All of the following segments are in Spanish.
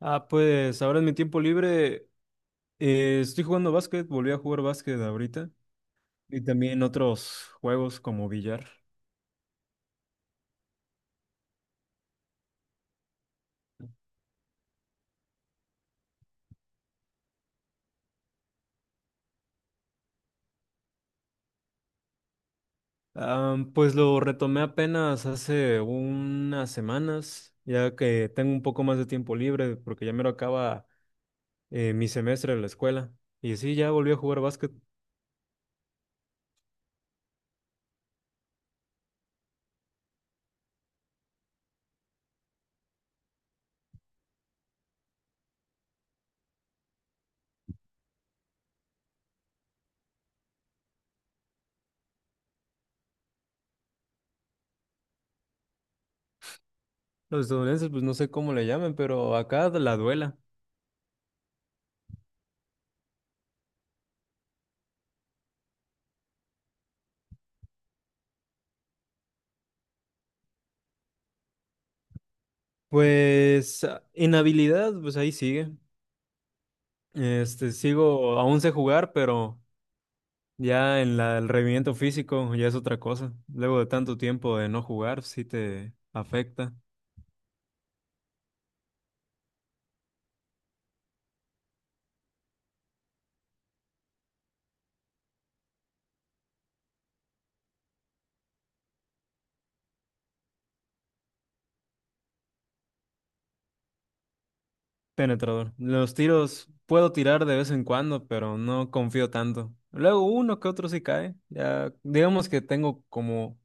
Ah, pues ahora en mi tiempo libre estoy jugando básquet, volví a jugar básquet ahorita y también otros juegos como billar. Ah, pues lo retomé apenas hace unas semanas, ya que tengo un poco más de tiempo libre porque ya me lo acaba mi semestre de la escuela. Y sí, ya volví a jugar básquet. Los estadounidenses, pues no sé cómo le llaman, pero acá la duela. Pues ah, en habilidad, pues ahí sigue. Este, sigo, aún sé jugar, pero ya en el rendimiento físico ya es otra cosa. Luego de tanto tiempo de no jugar, sí te afecta. Penetrador. Los tiros puedo tirar de vez en cuando, pero no confío tanto. Luego uno que otro sí cae. Ya digamos que tengo como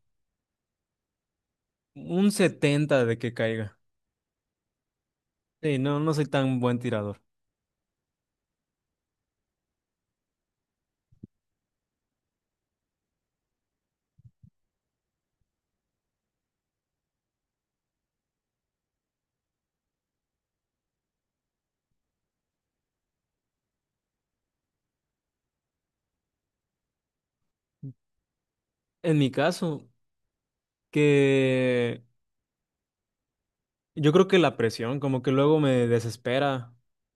un 70 de que caiga. Sí, no, no soy tan buen tirador. En mi caso, que yo creo que la presión, como que luego me desespera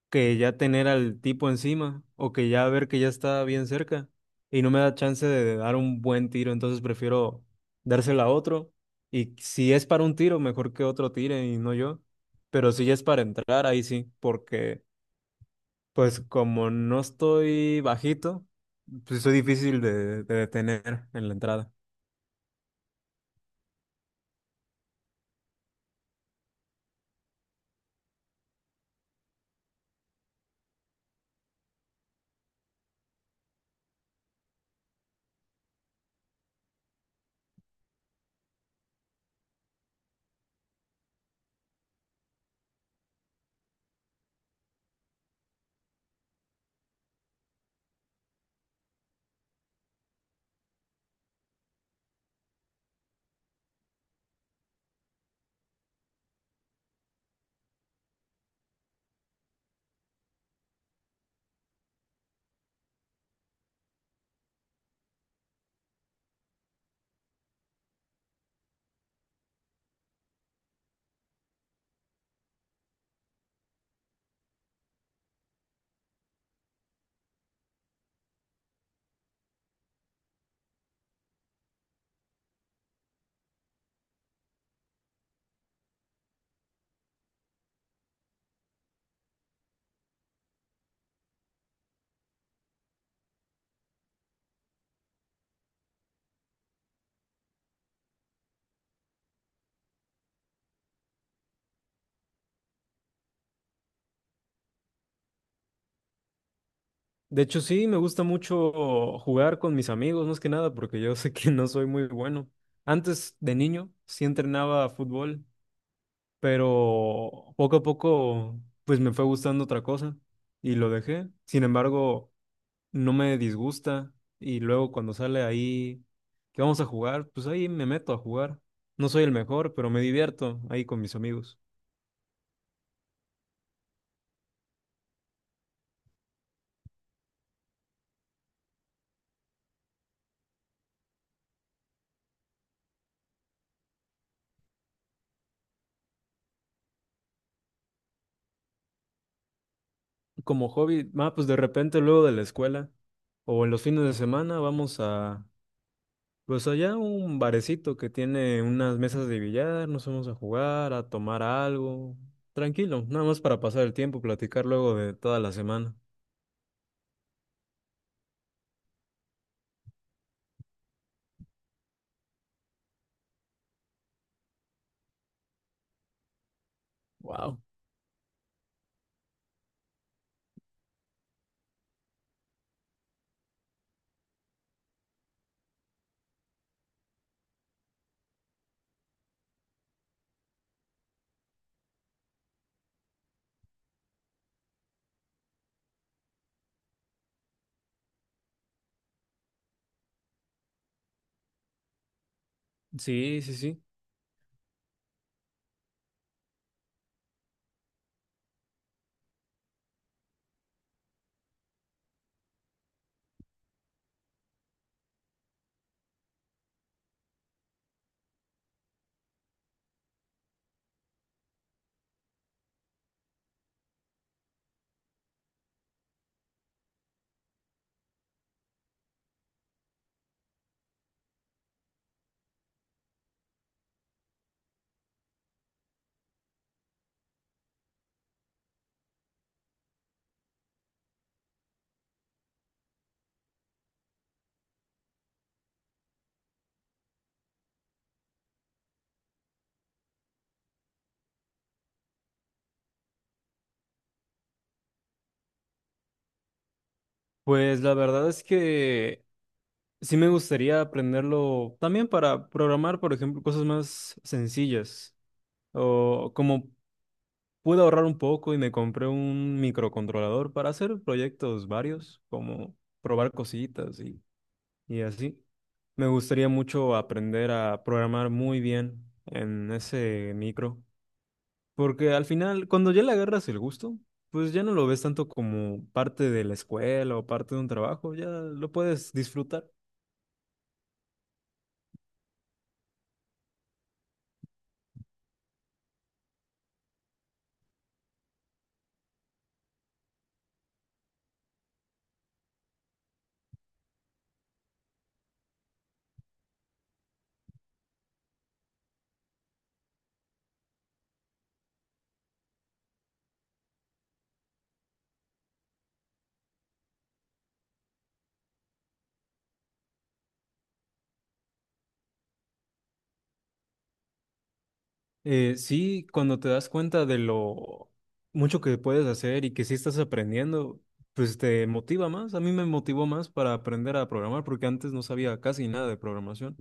que ya tener al tipo encima o que ya ver que ya está bien cerca y no me da chance de dar un buen tiro, entonces prefiero dársela a otro. Y si es para un tiro, mejor que otro tire y no yo. Pero si ya es para entrar, ahí sí, porque pues como no estoy bajito, pues soy difícil de detener en la entrada. De hecho, sí, me gusta mucho jugar con mis amigos, más que nada, porque yo sé que no soy muy bueno. Antes de niño sí entrenaba fútbol, pero poco a poco pues me fue gustando otra cosa y lo dejé. Sin embargo, no me disgusta y luego cuando sale ahí que vamos a jugar, pues ahí me meto a jugar. No soy el mejor, pero me divierto ahí con mis amigos. Como hobby, ah, pues de repente luego de la escuela o en los fines de semana vamos a pues allá un barecito que tiene unas mesas de billar, nos vamos a jugar, a tomar algo. Tranquilo, nada más para pasar el tiempo, platicar luego de toda la semana. Wow. Sí, sí, sí. Pues la verdad es que sí me gustaría aprenderlo también para programar, por ejemplo, cosas más sencillas. O como pude ahorrar un poco y me compré un microcontrolador para hacer proyectos varios, como probar cositas y así. Me gustaría mucho aprender a programar muy bien en ese micro, porque al final, cuando ya le agarras el gusto, pues ya no lo ves tanto como parte de la escuela o parte de un trabajo, ya lo puedes disfrutar. Sí, cuando te das cuenta de lo mucho que puedes hacer y que sí estás aprendiendo, pues te motiva más. A mí me motivó más para aprender a programar, porque antes no sabía casi nada de programación.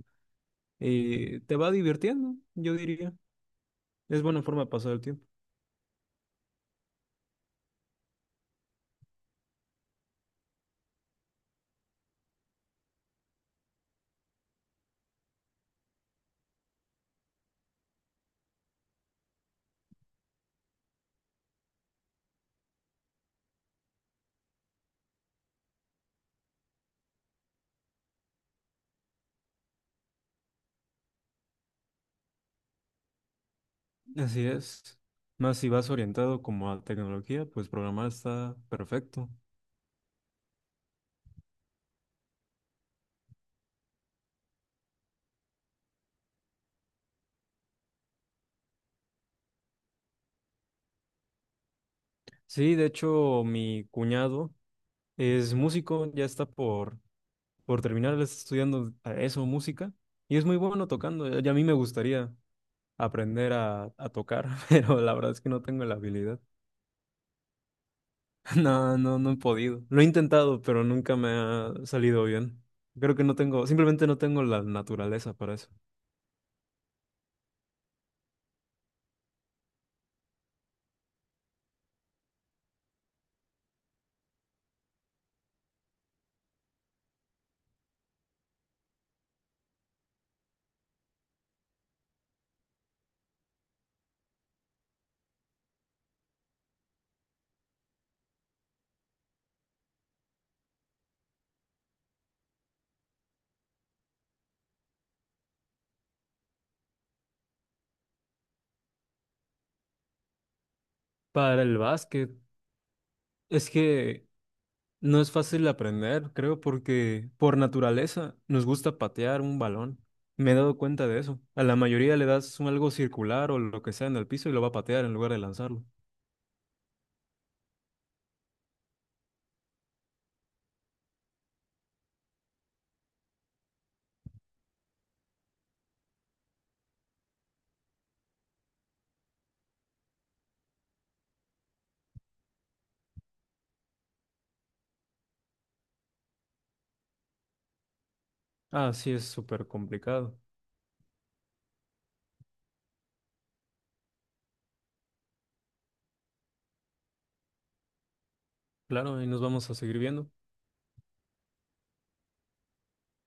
Y te va divirtiendo, yo diría. Es buena forma de pasar el tiempo. Así es. Más si vas orientado como a tecnología, pues programar está perfecto. Sí, de hecho, mi cuñado es músico, ya está por terminar, él está estudiando a eso, música, y es muy bueno tocando. Y a mí me gustaría aprender a tocar, pero la verdad es que no tengo la habilidad. No, no, no he podido. Lo he intentado, pero nunca me ha salido bien. Creo que no tengo, simplemente no tengo la naturaleza para eso. Para el básquet, es que no es fácil aprender, creo, porque por naturaleza nos gusta patear un balón. Me he dado cuenta de eso. A la mayoría le das un algo circular o lo que sea en el piso y lo va a patear en lugar de lanzarlo. Ah, sí, es súper complicado. Claro, y nos vamos a seguir viendo.